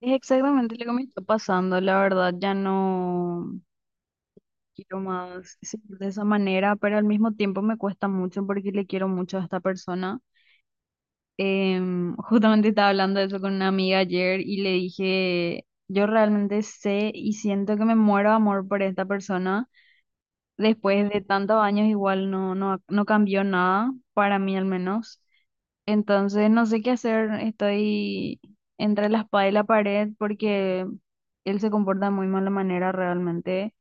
Es exactamente lo que me está pasando, la verdad, ya no quiero más seguir de esa manera, pero al mismo tiempo me cuesta mucho porque le quiero mucho a esta persona. Justamente estaba hablando de eso con una amiga ayer y le dije, yo realmente sé y siento que me muero de amor por esta persona. Después de tantos años igual no cambió nada, para mí al menos. Entonces no sé qué hacer, estoy entre la espada y la pared porque él se comporta de muy mala manera realmente.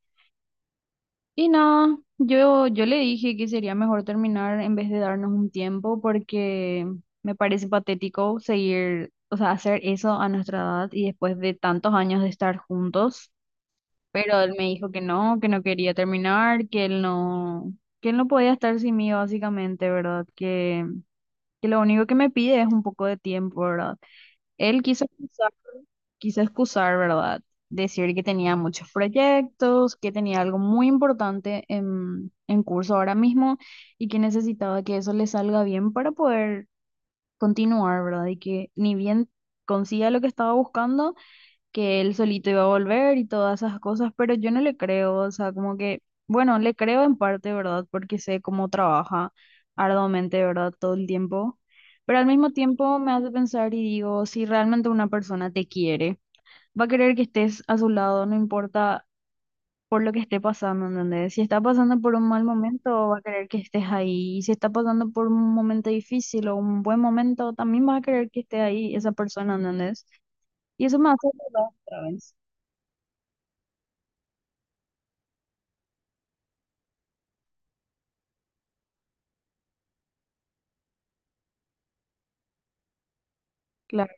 Y no, yo le dije que sería mejor terminar en vez de darnos un tiempo porque me parece patético seguir, o sea, hacer eso a nuestra edad y después de tantos años de estar juntos. Pero él me dijo que no quería terminar, que él no podía estar sin mí básicamente, ¿verdad? Que lo único que me pide es un poco de tiempo, ¿verdad? Él quiso excusar, quiso excusar, ¿verdad? Decir que tenía muchos proyectos, que tenía algo muy importante en curso ahora mismo y que necesitaba que eso le salga bien para poder continuar, ¿verdad? Y que ni bien consiga lo que estaba buscando, que él solito iba a volver y todas esas cosas, pero yo no le creo, o sea, como que, bueno, le creo en parte, ¿verdad? Porque sé cómo trabaja arduamente, ¿verdad? Todo el tiempo, pero al mismo tiempo me hace pensar y digo, si realmente una persona te quiere, va a querer que estés a su lado, no importa por lo que esté pasando, ¿entendés? Si está pasando por un mal momento, va a querer que estés ahí, y si está pasando por un momento difícil o un buen momento, también va a querer que esté ahí esa persona, ¿entendés? Y eso me hace acordar otra vez. Claro.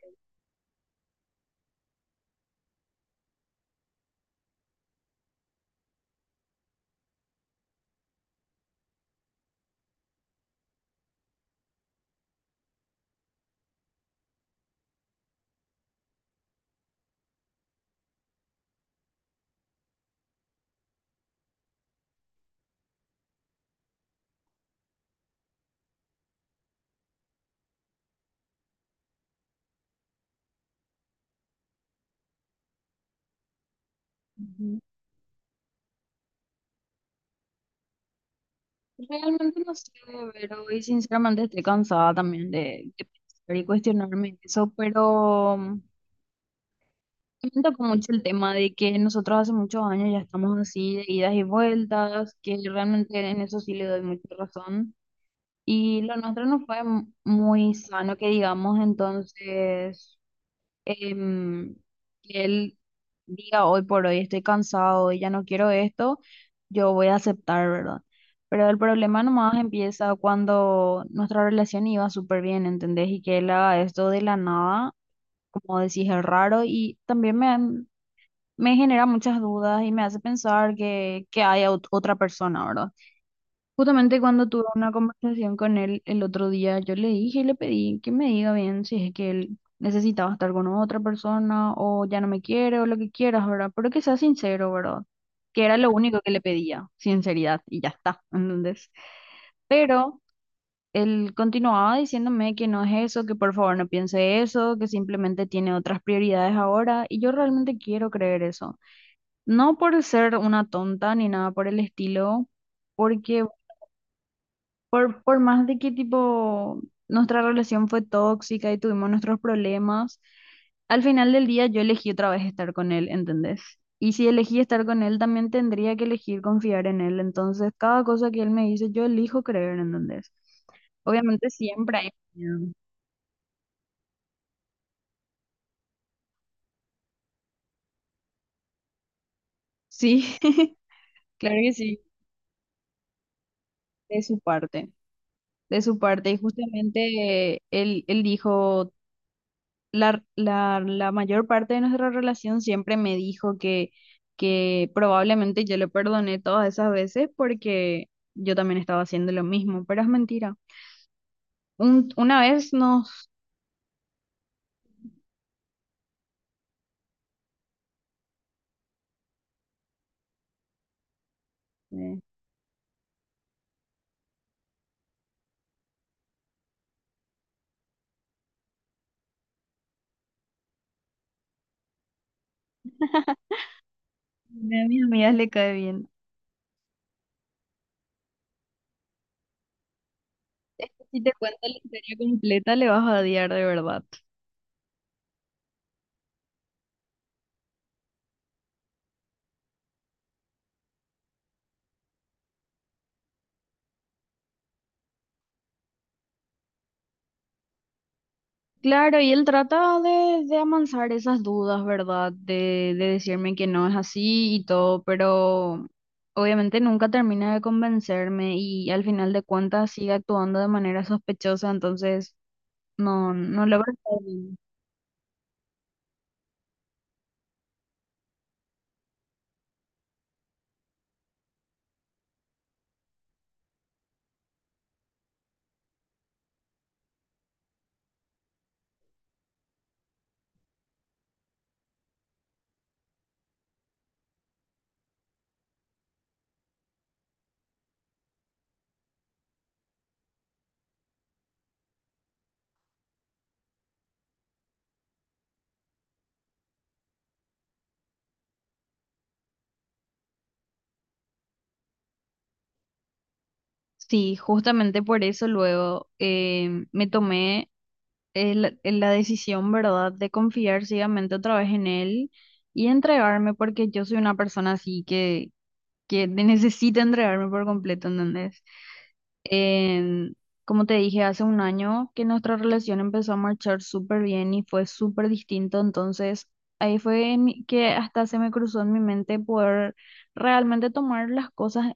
Ujú. Realmente no sé, pero hoy sinceramente estoy cansada también de pensar y cuestionarme eso, pero me tocó mucho el tema de que nosotros hace muchos años ya estamos así de idas y vueltas, que realmente en eso sí le doy mucha razón. Y lo nuestro no fue muy sano, que digamos, entonces em, que él diga hoy por hoy estoy cansado y ya no quiero esto, yo voy a aceptar, ¿verdad? Pero el problema nomás empieza cuando nuestra relación iba súper bien, ¿entendés? Y que él haga esto de la nada, como decís, es raro y también me genera muchas dudas y me hace pensar que hay otra persona, ¿verdad? Justamente cuando tuve una conversación con él el otro día, yo le dije y le pedí que me diga bien si es que él necesitaba estar con otra persona o ya no me quiere o lo que quieras, ¿verdad? Pero que sea sincero, ¿verdad? Que era lo único que le pedía, sinceridad, y ya está, ¿entendés? Pero él continuaba diciéndome que no es eso, que por favor no piense eso, que simplemente tiene otras prioridades ahora, y yo realmente quiero creer eso. No por ser una tonta ni nada por el estilo. Porque por más de que tipo nuestra relación fue tóxica y tuvimos nuestros problemas, al final del día yo elegí otra vez estar con él, ¿entendés? Y si elegí estar con él, también tendría que elegir confiar en él. Entonces, cada cosa que él me dice, yo elijo creer, ¿entendés? Obviamente siempre hay miedo. Sí, claro que sí, de su parte, de su parte. Y justamente él dijo... la mayor parte de nuestra relación siempre me dijo que probablemente yo le perdoné todas esas veces porque yo también estaba haciendo lo mismo, pero es mentira. Una vez nos... eh, Una de mis amigas le cae bien. Si te cuento la historia completa, le vas a odiar de verdad. Claro, y él trata de amansar esas dudas, ¿verdad? De decirme que no es así y todo, pero obviamente nunca termina de convencerme y al final de cuentas sigue actuando de manera sospechosa, entonces no logra estar bien. Sí, justamente por eso luego me tomé la decisión, ¿verdad?, de confiar ciegamente otra vez en él y entregarme porque yo soy una persona así que necesita entregarme por completo, ¿entendés? Em, como te dije, hace un año que nuestra relación empezó a marchar súper bien y fue súper distinto, entonces ahí fue en que hasta se me cruzó en mi mente poder realmente tomar las cosas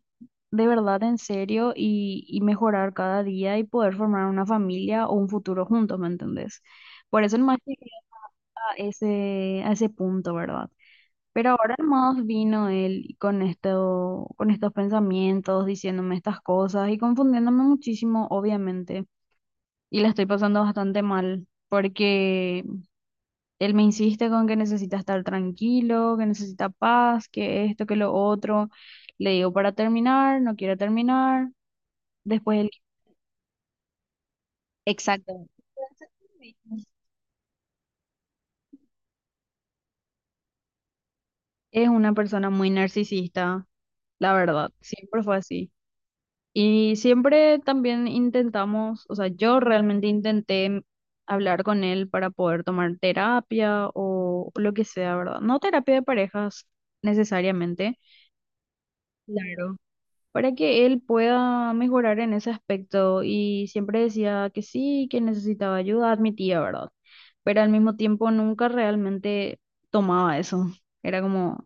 de verdad en serio y mejorar cada día y poder formar una familia o un futuro juntos, ¿me entendés? Por eso nomás llegué a a ese punto, ¿verdad? Pero ahora más vino él con esto, con estos pensamientos, diciéndome estas cosas y confundiéndome muchísimo, obviamente. Y la estoy pasando bastante mal porque él me insiste con que necesita estar tranquilo, que necesita paz, que esto, que lo otro. Le digo para terminar, no quiere terminar. Después él... Exacto. Es una persona muy narcisista, la verdad. Siempre fue así. Y siempre también intentamos, o sea, yo realmente intenté hablar con él para poder tomar terapia o lo que sea, ¿verdad? No terapia de parejas necesariamente. Claro. Para que él pueda mejorar en ese aspecto. Y siempre decía que sí, que necesitaba ayuda, admitía, ¿verdad? Pero al mismo tiempo nunca realmente tomaba eso. Era como...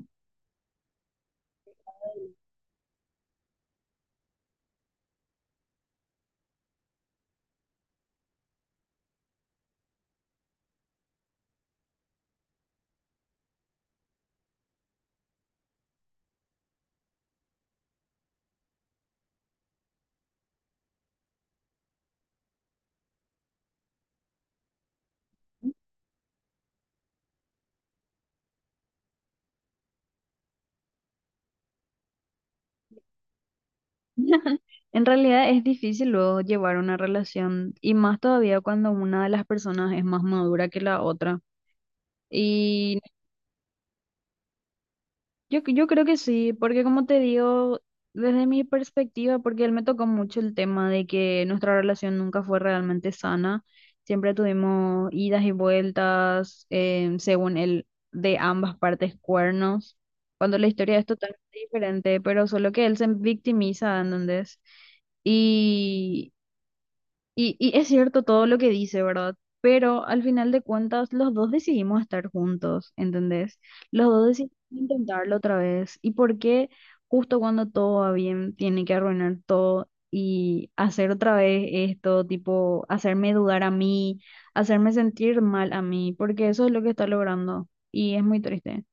En realidad es difícil luego llevar una relación y más todavía cuando una de las personas es más madura que la otra. Y yo creo que sí, porque como te digo, desde mi perspectiva, porque él me tocó mucho el tema de que nuestra relación nunca fue realmente sana, siempre tuvimos idas y vueltas, según él, de ambas partes cuernos, cuando la historia es totalmente diferente, pero solo que él se victimiza, ¿entendés? Y y es cierto todo lo que dice, ¿verdad? Pero al final de cuentas, los dos decidimos estar juntos, ¿entendés? Los dos decidimos intentarlo otra vez. ¿Y por qué justo cuando todo va bien, tiene que arruinar todo y hacer otra vez esto, tipo, hacerme dudar a mí, hacerme sentir mal a mí? Porque eso es lo que está logrando y es muy triste.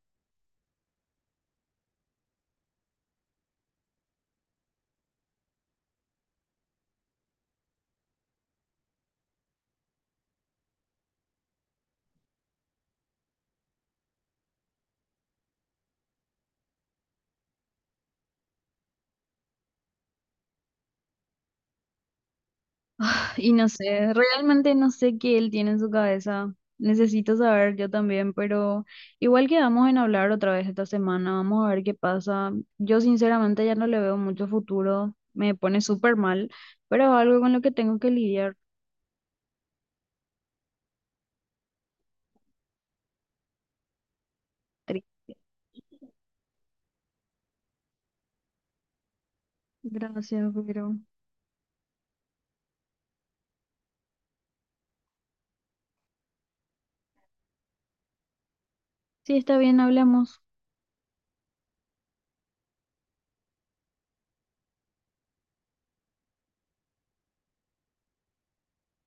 Y no sé, realmente no sé qué él tiene en su cabeza. Necesito saber yo también, pero igual quedamos en hablar otra vez esta semana. Vamos a ver qué pasa. Yo sinceramente ya no le veo mucho futuro. Me pone súper mal, pero es algo con lo que tengo que lidiar. Triste. Gracias, pero sí, está bien, hablamos.